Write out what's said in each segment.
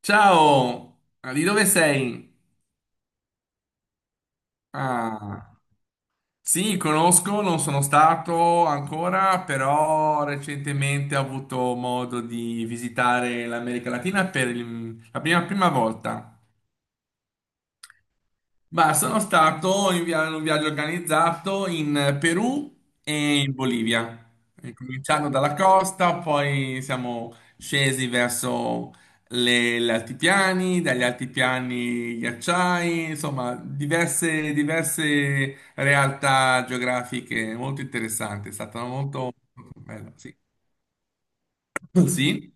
Ciao, ah, di dove sei? Ah, sì, conosco, non sono stato ancora, però recentemente ho avuto modo di visitare l'America Latina per la prima volta. Bah, sono stato in un viaggio organizzato in Perù e in Bolivia. E cominciando dalla costa, poi siamo scesi verso gli altipiani, dagli altipiani ghiacciai, insomma, diverse realtà geografiche molto interessanti. È stato molto molto bello, sì. Sì.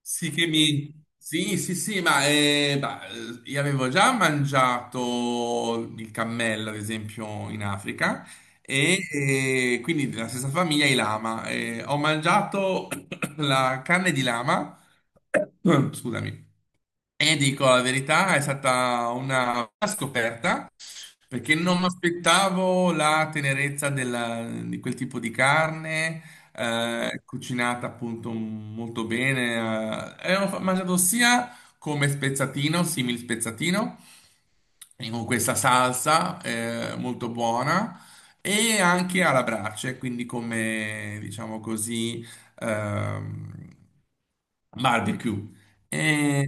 Sì, sì, sì, ma bah, io avevo già mangiato il cammello, ad esempio, in Africa, e, quindi della stessa famiglia i lama. Ho mangiato la carne di lama, scusami, e dico la verità, è stata una scoperta. Perché non mi aspettavo la tenerezza di quel tipo di carne, cucinata appunto molto bene. E mangiato sia come spezzatino, simil spezzatino, e con questa salsa molto buona, e anche alla brace, quindi come, diciamo così, ehm, barbecue. E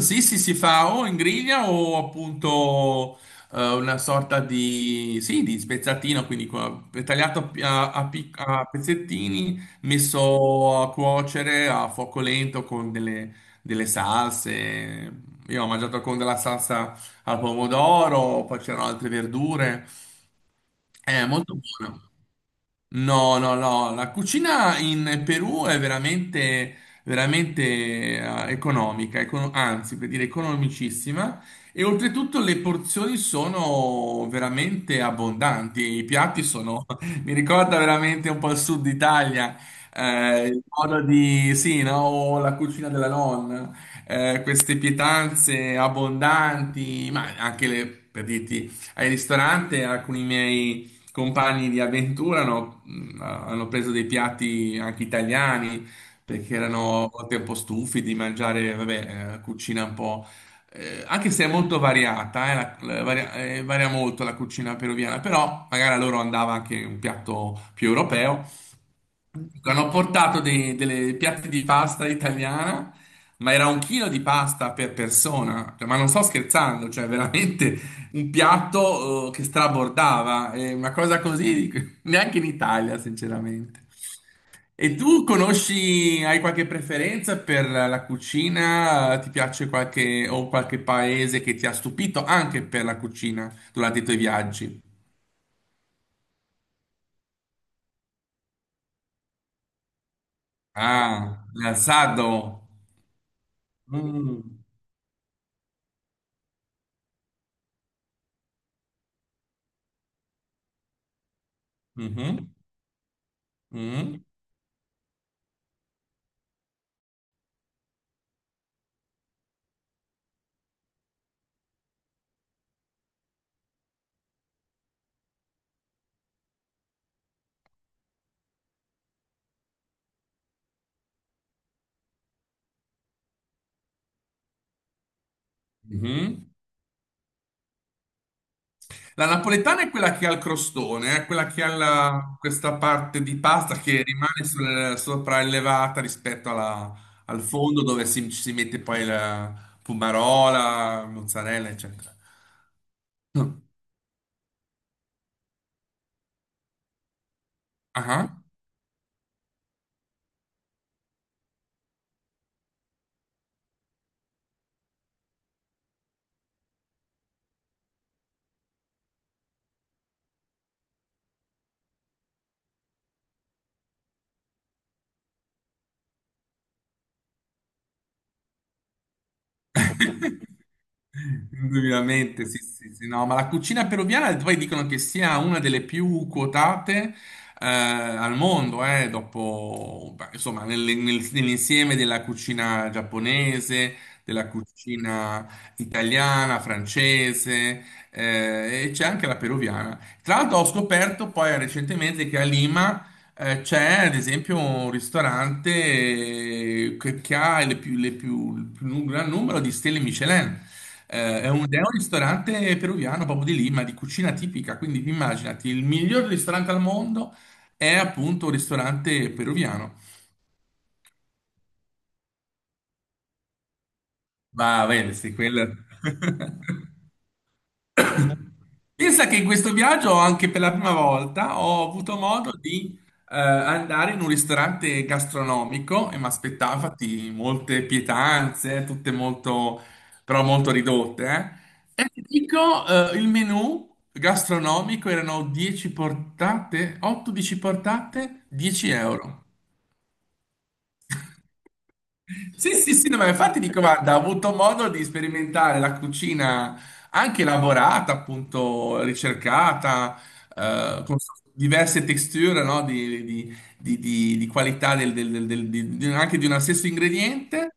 sì, sì, si fa o in griglia o appunto una sorta di, sì, di spezzatino, quindi tagliato a, a pezzettini, messo a cuocere a fuoco lento con delle salse. Io ho mangiato con della salsa al pomodoro, poi c'erano altre verdure. È molto buono. No, no, no, la cucina in Perù è veramente, veramente economica, anzi, per dire economicissima, e oltretutto le porzioni sono veramente abbondanti, i piatti sono, mi ricorda veramente un po' il sud Italia, il modo di, sì, no, o la cucina della nonna, queste pietanze abbondanti, ma anche le, per dirti, ai ristoranti alcuni miei compagni di avventura hanno preso dei piatti anche italiani, perché erano a volte un po' stufi di mangiare, vabbè, cucina un po'. Anche se è molto variata, varia, varia molto la cucina peruviana, però magari a loro andava anche un piatto più europeo. Hanno portato delle piatti di pasta italiana, ma era un chilo di pasta per persona. Cioè, ma non sto scherzando, cioè veramente un piatto che strabordava, una cosa così neanche in Italia, sinceramente. E tu conosci, hai qualche preferenza per la cucina? Ti piace qualche paese che ti ha stupito anche per la cucina durante i tuoi viaggi? Ah, l'alzado. Mm. Mhm. Mm, mhm. La napoletana è quella che ha il crostone, è quella che ha questa parte di pasta che rimane sopraelevata rispetto al fondo dove ci si mette poi la pumarola, mozzarella, eccetera. Ah, ah. Indubbiamente, sì, sì, sì, no, ma la cucina peruviana poi dicono che sia una delle più quotate al mondo, dopo, beh, insomma, nell'insieme della cucina giapponese, della cucina italiana, francese, e c'è anche la peruviana. Tra l'altro ho scoperto poi recentemente che a Lima c'è ad esempio un ristorante che ha le più- il più nu- gran numero di stelle Michelin. È un ristorante peruviano proprio di Lima, di cucina tipica. Quindi immaginati, il miglior ristorante al mondo è appunto un ristorante peruviano. Ma bene, sì, quello. Pensa che in questo viaggio, anche per la prima volta, ho avuto modo di andare in un ristorante gastronomico, e mi aspettavo infatti molte pietanze, tutte molto, però molto ridotte. E ti dico, il menù gastronomico erano 10 portate, 8-10 portate, 10 euro. Sì, sì, sì, no, ma infatti dico, guarda, ho avuto modo di sperimentare la cucina anche elaborata, appunto, ricercata, con diverse texture, no, di qualità anche di uno stesso ingrediente,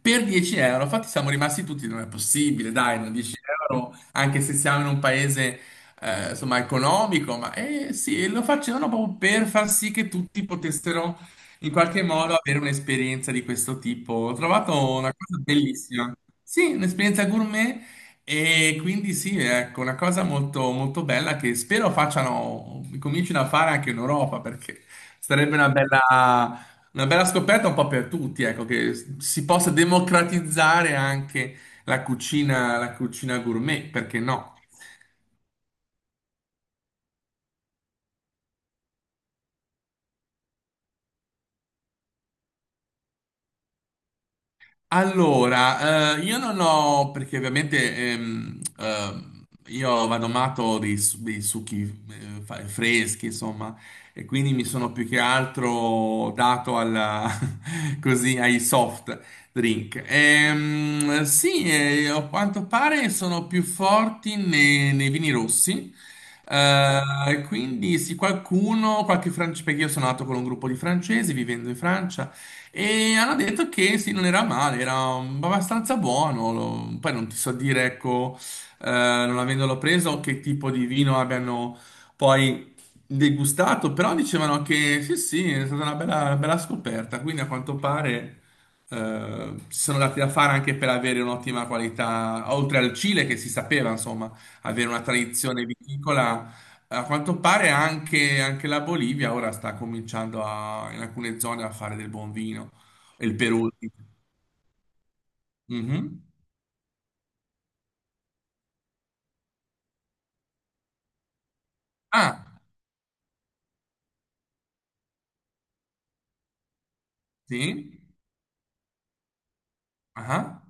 per 10 euro. Infatti siamo rimasti tutti, non è possibile, dai, non 10 euro, anche se siamo in un paese, insomma, economico, ma sì, lo facevano proprio per far sì che tutti potessero in qualche modo avere un'esperienza di questo tipo. Ho trovato una cosa bellissima. Sì, un'esperienza gourmet, e quindi sì, ecco, una cosa molto, molto bella che spero facciano, comincino a fare anche in Europa, perché sarebbe una bella scoperta un po' per tutti, ecco, che si possa democratizzare anche la cucina gourmet, perché no? Allora, io non ho, perché ovviamente io vado matto dei succhi freschi, insomma, e quindi mi sono più che altro dato così, ai soft drink. Sì, a quanto pare sono più forti nei vini rossi. Quindi sì, qualche francese, perché io sono nato con un gruppo di francesi vivendo in Francia, e hanno detto che sì, non era male, era abbastanza buono. Poi non ti so dire, ecco, non avendolo preso, che tipo di vino abbiano poi degustato, però dicevano che sì, sì, è stata una bella scoperta. Quindi a quanto pare si sono dati da fare anche per avere un'ottima qualità, oltre al Cile che si sapeva, insomma, avere una tradizione viticola. A quanto pare anche la Bolivia ora sta cominciando in alcune zone a fare del buon vino. E il Perù. Mhm. Ah, sì? Ah, ah.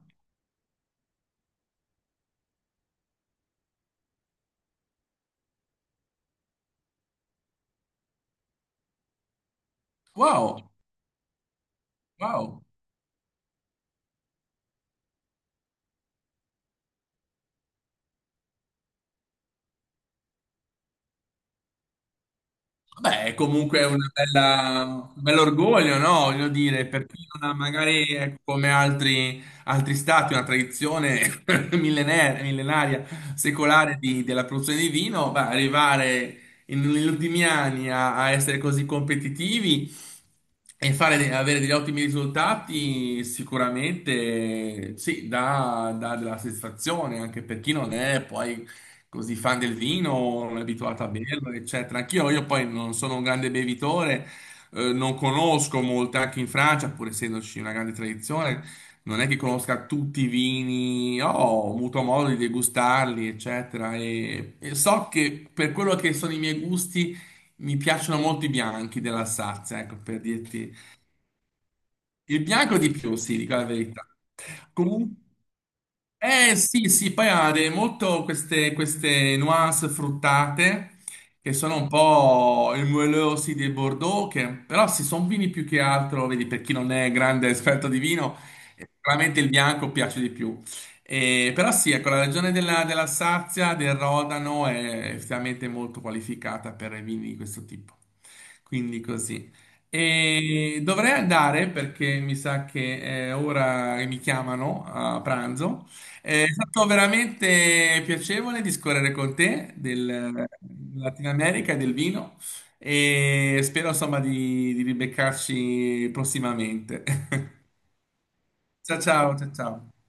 Wow, wow. Beh, comunque è un bell'orgoglio, no? Voglio dire, per chi non ha magari ecco, come altri stati una tradizione millenaria, millenaria, secolare della produzione di vino, beh, arrivare negli ultimi anni a essere così competitivi e fare, avere degli ottimi risultati. Sicuramente sì, dà della soddisfazione anche per chi non è poi così fan del vino, non è abituata a berlo, eccetera. Anch'io, io poi non sono un grande bevitore, non conosco molto, anche in Francia, pur essendoci una grande tradizione, non è che conosca tutti i vini, ho avuto modo di degustarli, eccetera. E so che per quello che sono i miei gusti, mi piacciono molto i bianchi dell'Alsazia, ecco, per dirti. Il bianco di più, sì, dico la verità. Comunque. Eh sì, sì, poi ha molto queste nuance fruttate, che sono un po' i muellosi dei Bordeaux, che però sì, sono vini più che altro, vedi, per chi non è grande esperto di vino, sicuramente il bianco piace di più. Però sì, ecco, la regione dell'Alsazia, del Rodano, è effettivamente molto qualificata per i vini di questo tipo. Quindi così. E dovrei andare perché mi sa che è ora che mi chiamano a pranzo. È stato veramente piacevole discorrere con te della Latina America e del vino, e spero insomma di ribeccarci prossimamente. Ciao ciao, ciao ciao.